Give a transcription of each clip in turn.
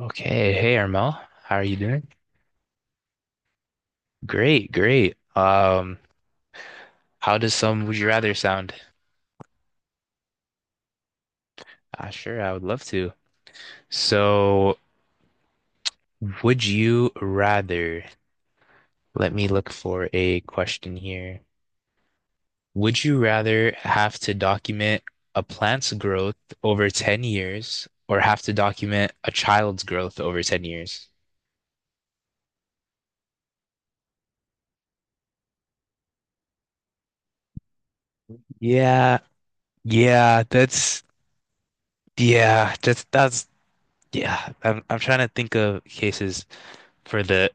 Okay, hey Armel, how are you doing? Great, great. How does some would you rather sound? Ah, sure, I would love to. So, would you rather, let me look for a question here. Would you rather have to document a plant's growth over 10 years or have to document a child's growth over 10 years? Yeah, yeah, that's yeah. I'm trying to think of cases for the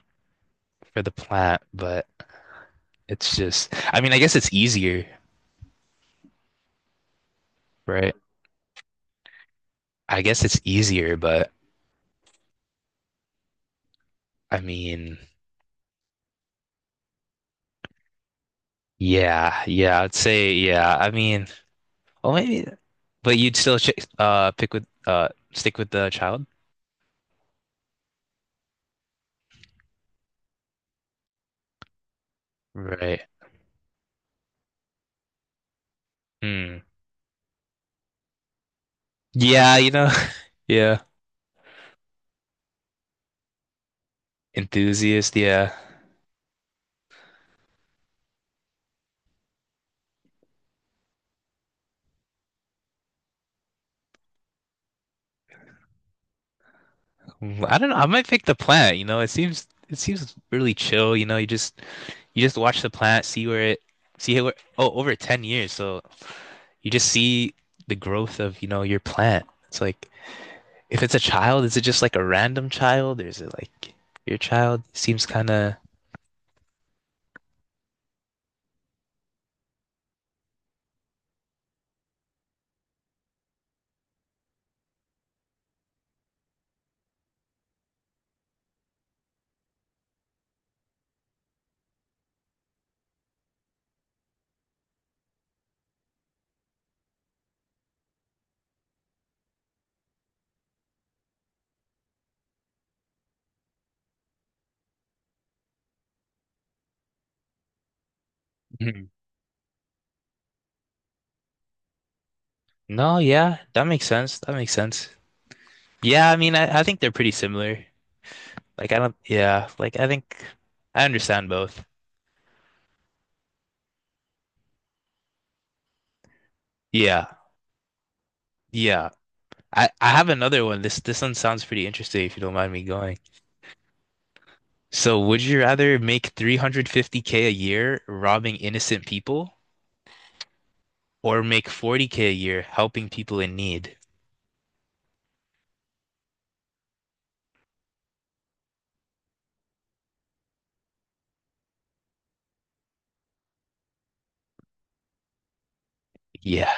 for the plant, but it's just, I mean, I guess it's easier, right? I guess it's easier, but I mean, yeah, yeah, I'd say, yeah. I mean, well, maybe, but you'd still ch pick with stick with the child, right? Hmm. Yeah, yeah, enthusiast, yeah. Mm, I don't know. I might pick the plant. It seems really chill. You just watch the planet, see where, oh, over 10 years. So you just see the growth of, your plant. It's like, if it's a child, is it just like a random child? Or is it like your child seems kind of, no, yeah, that makes sense. That makes sense. Yeah, I mean, I think they're pretty similar. Like, I don't, yeah, like, I think I understand both. Yeah, yeah. I have another one. This one sounds pretty interesting if you don't mind me going. So, would you rather make 350k a year robbing innocent people or make 40k a year helping people in need? Yeah.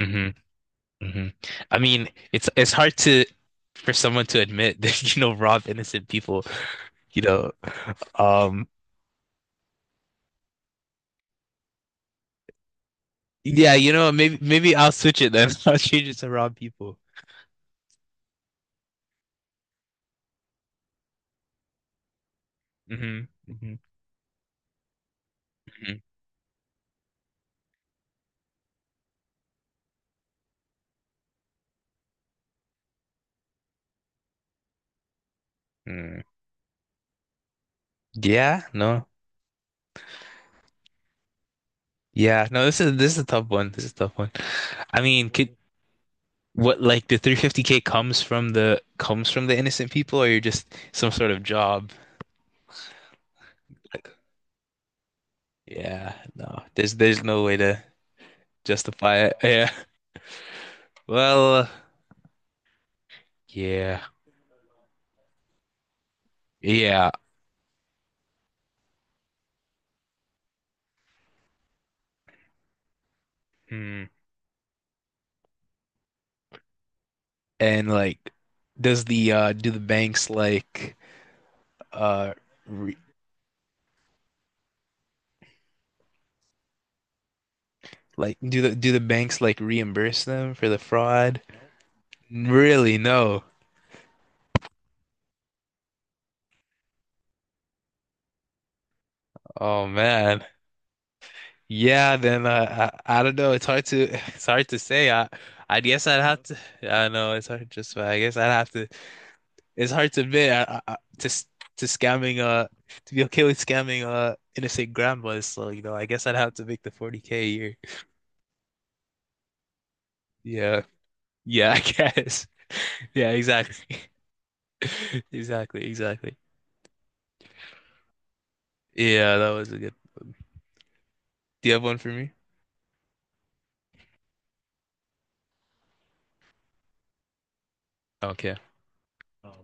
hmm hmm I mean, it's hard to for someone to admit that you know rob innocent people, you know. Um yeah, you know, maybe I'll switch it then. I'll change it to rob people. hmm hmm hmm Yeah, no. Yeah, no, this is a tough one. This is a tough one. I mean, could What, like the 350k comes from the innocent people, or you're just some sort of job? Yeah, no. There's no way to justify it. Yeah. Well, yeah. Yeah. Hmm. And like does the uh re do the do the banks like reimburse them for the fraud? Really? No. Oh man. Yeah, then I don't know. It's hard to it's hard to say. I guess I'd have to. I know it's hard. Just I guess I'd have to. It's hard to admit to scamming. To be okay with scamming. Innocent grandmas. So you know, I guess I'd have to make the 40K a year. Yeah, yeah. I guess. Yeah, exactly. Exactly. Exactly. Yeah, that was a good. Do you have one for me? Okay. Oh.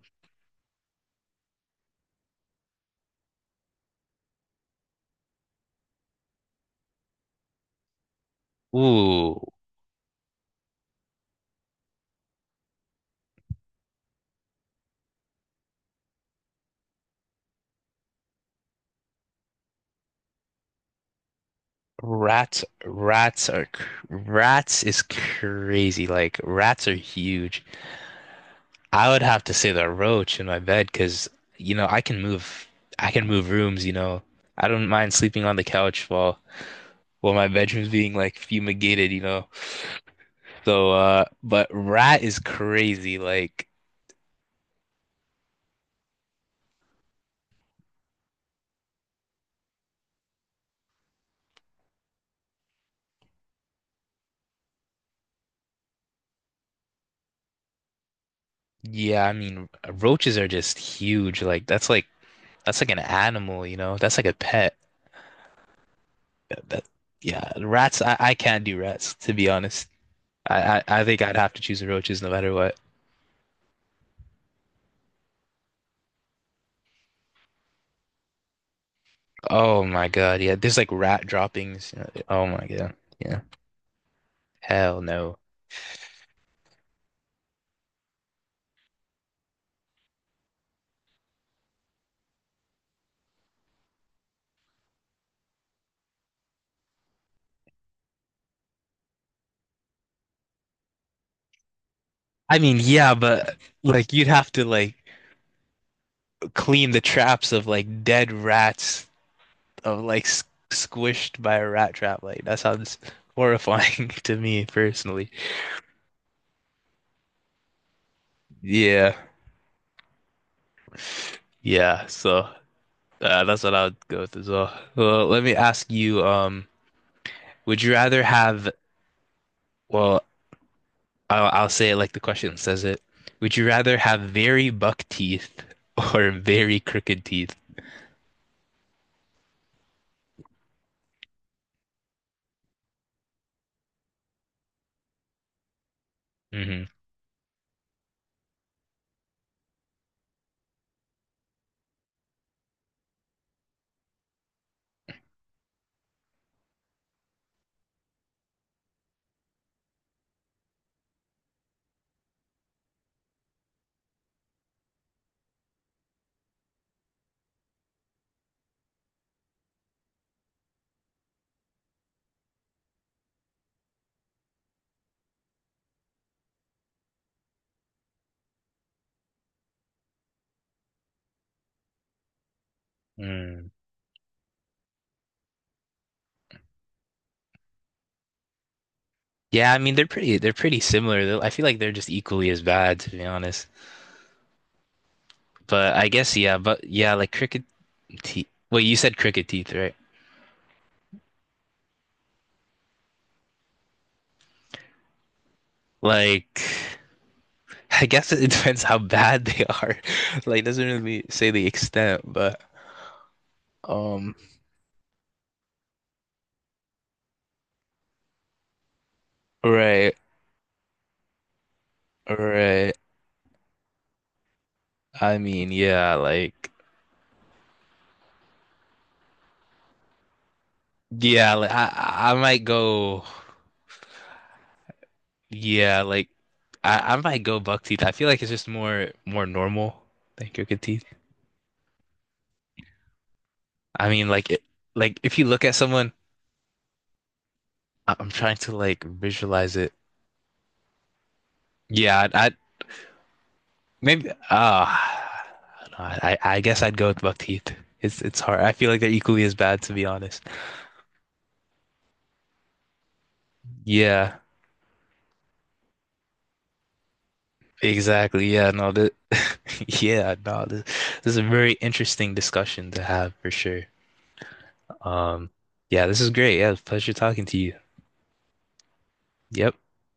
Ooh. Rats, rats are cr- Rats is crazy. Like rats are huge. I would have to say the roach in my bed because you know I can move. I can move rooms. You know I don't mind sleeping on the couch while my bedroom's being like fumigated. You know so but rat is crazy. Like yeah, I mean roaches are just huge. That's like an animal. You know that's like a pet. That, yeah, rats. I can't do rats to be honest. I think I'd have to choose the roaches no matter what. Oh my God, yeah. There's like rat droppings. You know, oh my God, yeah. Hell no. I mean, yeah, but you'd have to like clean the traps of like dead rats of like s squished by a rat trap. Like that sounds horrifying to me personally. Yeah, yeah. So that's what I would go with as well. Well, let me ask you. Would you rather have well I'll say it like the question says it. Would you rather have very buck teeth or very crooked teeth? Hmm. Mm. Yeah, I mean they're pretty similar. They're, I feel like they're just equally as bad, to be honest. But I guess yeah, but yeah, like crooked teeth. Well, you said crooked teeth, right? Like I guess it depends how bad they are. Like it doesn't really say the extent, but um right, right. I mean, yeah, like I might go. Yeah, like I might go buck teeth. I feel like it's just more normal than crooked teeth. I mean, like it, like if you look at someone, I- I'm trying to like visualize it. Yeah, I'd maybe. Ah, no, I guess I'd go with buck teeth. It's hard. I feel like they're equally as bad, to be honest. Yeah, exactly. Yeah, no, the yeah, no, this is a very interesting discussion to have for sure. Um, yeah, this is great. Yeah, it was a pleasure talking to you. Yep.